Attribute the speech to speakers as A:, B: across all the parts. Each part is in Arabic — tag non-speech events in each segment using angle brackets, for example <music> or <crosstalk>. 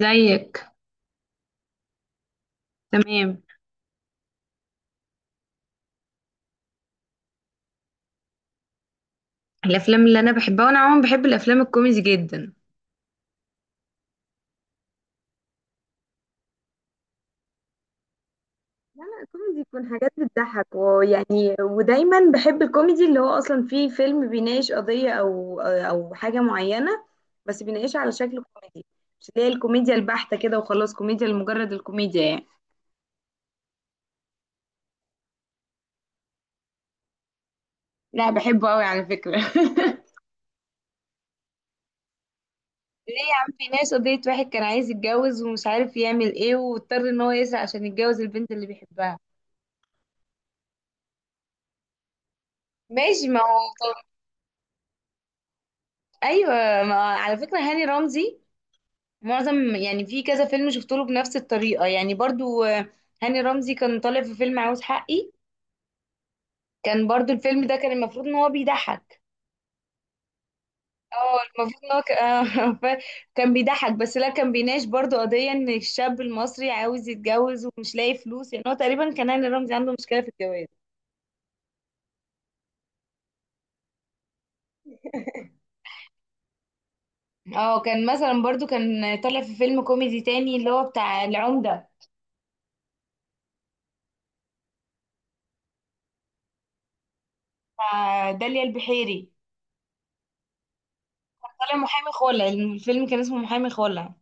A: زيك. تمام. الافلام اللي انا بحبها، وانا عموما بحب الافلام الكوميدي جدا. لا لا، الكوميدي يكون حاجات بتضحك، ويعني ودايما بحب الكوميدي اللي هو اصلا فيه فيلم بيناقش قضية او حاجة معينة، بس بيناقشها على شكل كوميدي. مش اللي هي الكوميديا البحتة كده وخلاص، كوميديا لمجرد الكوميديا يعني. لا بحبه قوي على فكرة. <laughs> ليه يا عم، في ناس قضية واحد كان عايز يتجوز ومش عارف يعمل ايه، واضطر ان هو يسرق عشان يتجوز البنت اللي بيحبها. ماشي ما هو. ايوه. ما على فكره هاني رمزي معظم، يعني في كذا فيلم شفت له بنفس الطريقه يعني برضو هاني رمزي كان طالع في فيلم عاوز حقي. كان برضو الفيلم ده كان المفروض ان هو بيضحك. اه، المفروض ان هو <laughs> ف- كان بيضحك، بس لا كان بيناقش برضو قضيه ان الشاب المصري عاوز يتجوز ومش لاقي فلوس. يعني هو تقريبا كان هاني رمزي عنده مشكله في الجواز. اه، كان مثلا برضو كان طالع في فيلم كوميدي تاني اللي هو بتاع العمده، بتاع داليا البحيري. طالع محامي خلع، الفيلم كان اسمه محامي خلع.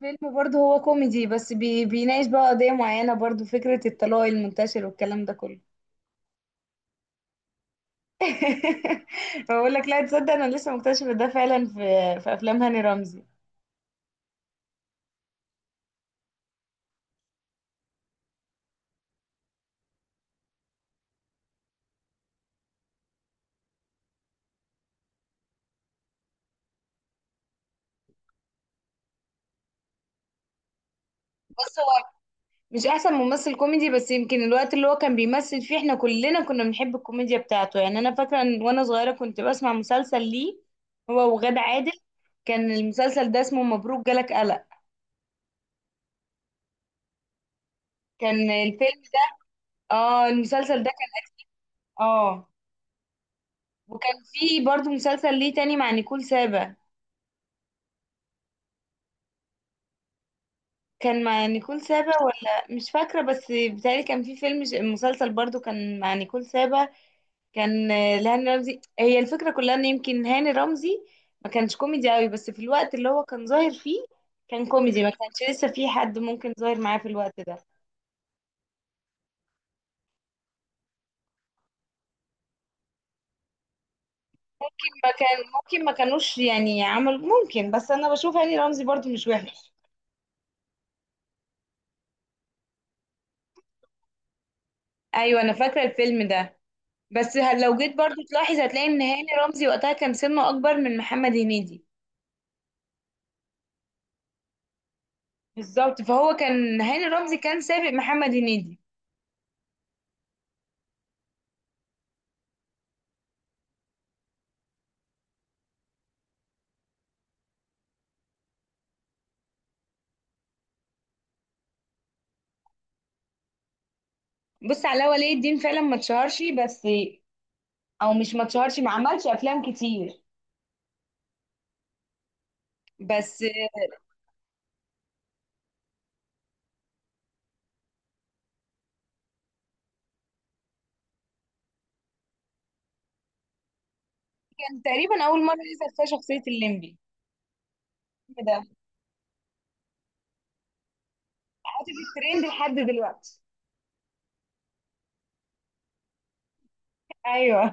A: فيلم برضه هو كوميدي، بس بيناقش بقى قضية معينة، برضه فكرة الطلاق المنتشر والكلام ده كله. <laughs> بقول لك لا تصدق، انا لسه مكتشفة ده فعلا في افلام هاني رمزي. بص، هو مش احسن ممثل كوميدي، بس يمكن الوقت اللي هو كان بيمثل فيه احنا كلنا كنا بنحب الكوميديا بتاعته. يعني انا فاكرة ان وانا صغيرة كنت بسمع مسلسل ليه، هو وغادة عادل. كان المسلسل ده اسمه مبروك جالك قلق. كان الفيلم، اه المسلسل ده كان، اه وكان في برضو مسلسل ليه تاني مع نيكول سابا. كان مع نيكول سابا ولا مش فاكرة، بس بتهيألي كان في فيلم مسلسل برضو كان مع نيكول سابا. كان لهاني رمزي. هي الفكرة كلها ان يمكن هاني رمزي ما كانش كوميدي قوي، بس في الوقت اللي هو كان ظاهر فيه كان كوميدي، ما كانش لسه في حد ممكن ظاهر معاه في الوقت ده. ما كان ممكن ما كانوش يعني عمل ممكن، بس انا بشوف هاني رمزي برضو مش وحش. ايوه انا فاكرة الفيلم ده، بس هل لو جيت برضو تلاحظ هتلاقي ان هاني رمزي وقتها كان سنه اكبر من محمد هنيدي. بالظبط، فهو كان هاني رمزي كان سابق محمد هنيدي. بص، علاء ولي الدين فعلا ما اتشهرش، بس او مش ما اتشهرش، ما عملش افلام كتير. بس كان تقريبا اول مره يظهر فيها شخصيه الليمبي. ده قعدت في الترند لحد دلوقتي. ايوه.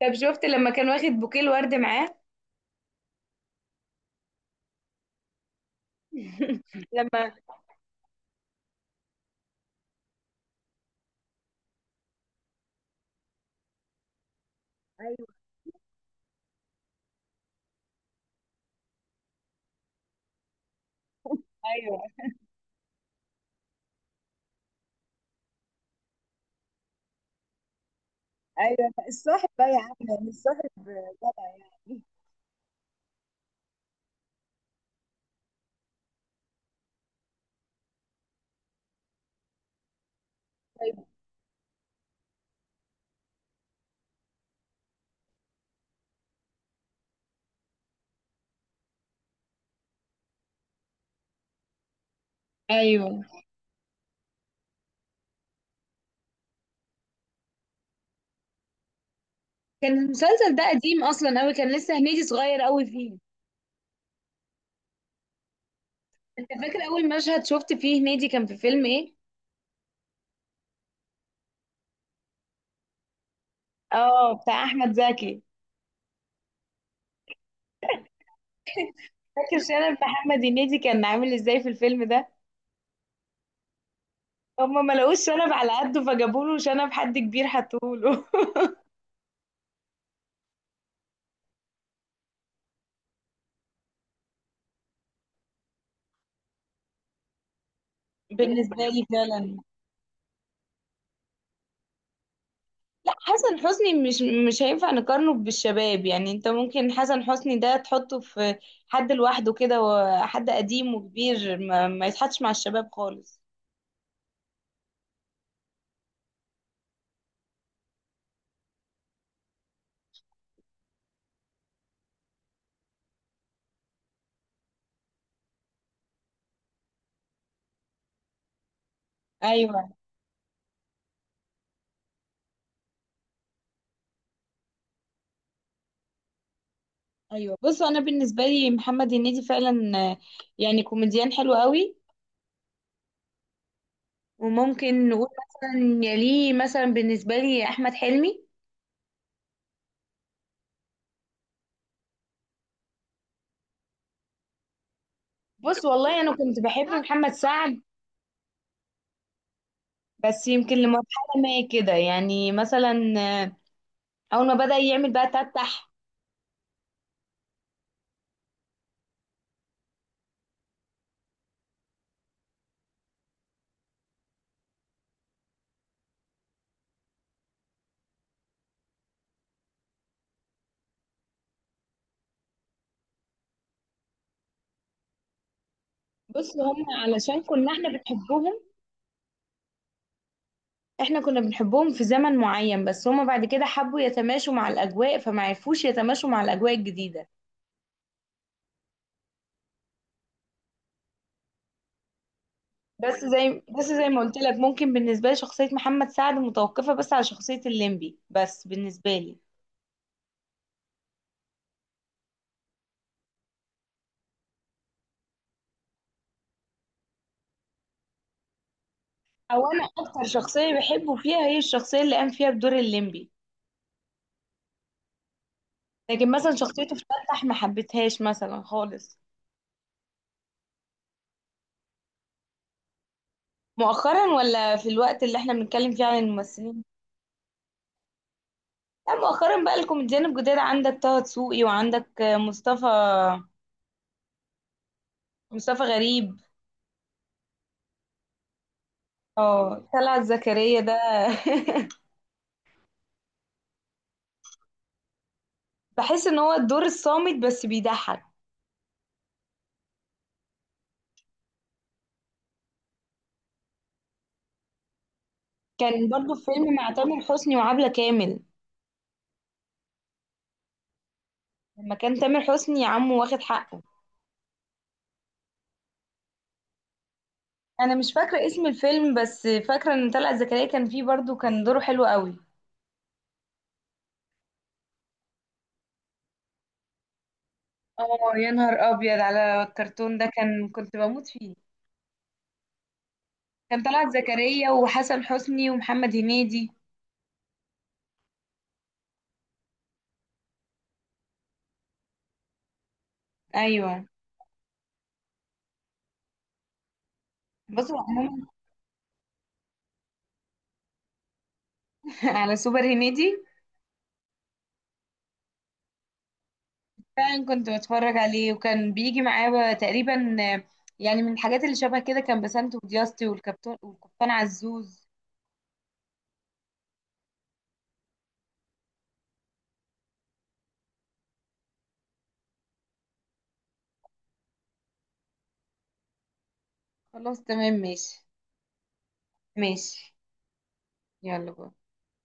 A: طب شفت لما كان واخد بوكيه الورد معاه؟ <laughs> لما. ايوه. ايوه. ايوه الصاحب بقى يا عم، يعني الصاحب جدع يعني. طيب. ايوه، كان المسلسل ده قديم اصلا قوي، كان لسه هنيدي صغير قوي فيه. انت فاكر اول مشهد شفت فيه هنيدي كان في فيلم ايه؟ اه بتاع احمد زكي. فاكر شنب محمد هنيدي كان عامل ازاي في الفيلم ده؟ هما ما لقوش شنب على قده فجابوا له شنب حد كبير حطوه له. <laughs> بالنسبة لي فعلا، لا حسن حسني مش هينفع نقارنه بالشباب يعني. انت ممكن حسن حسني ده تحطه في حد لوحده كده، وحد قديم وكبير ما يتحطش مع الشباب خالص. ايوه ايوه. بص انا بالنسبه لي محمد هنيدي فعلا يعني كوميديان حلو قوي. وممكن نقول مثلا يليه مثلا بالنسبه لي احمد حلمي. بص والله انا كنت بحب محمد سعد، بس يمكن لمرحله ما كده، يعني مثلا اول ما بدأ يعمل بقى تتح. بص هم علشان كنا احنا بنحبهم، احنا كنا بنحبهم في زمن معين، بس هم بعد كده حبوا يتماشوا مع الاجواء، فما عرفوش يتماشوا مع الاجواء الجديده. بس زي ما قلت لك، ممكن بالنسبه لي شخصيه محمد سعد متوقفه بس على شخصيه الليمبي، بس بالنسبه لي او انا اكتر شخصيه بحبه فيها هي الشخصيه اللي قام فيها بدور الليمبي. لكن مثلا شخصيته في تفتح ما حبيتهاش مثلا خالص. مؤخرا ولا في الوقت اللي احنا بنتكلم فيه عن الممثلين؟ لا مؤخرا بقى، الكوميديان الجداد، عندك طه دسوقي وعندك مصطفى. مصطفى غريب. اه طلعت زكريا ده. <laughs> بحس ان هو الدور الصامت بس بيضحك. كان برضو فيلم مع تامر حسني وعبلة كامل، لما كان تامر حسني عمه واخد حقه. انا مش فاكره اسم الفيلم، بس فاكره ان طلعت زكريا كان فيه برضو، كان دوره حلو قوي. اه يا نهار ابيض على الكرتون ده، كان كنت بموت فيه. كان طلعت زكريا وحسن حسني ومحمد هنيدي. ايوه. بصوا عموما. <laughs> على سوبر هنيدي، فعلا كنت بتفرج عليه، وكان بيجي معاه بقى تقريبا يعني من الحاجات اللي شبه كده كان بسنت ودياستي والكابتن والقبطان عزوز. خلاص تمام ماشي. ماشي. يلا بقى.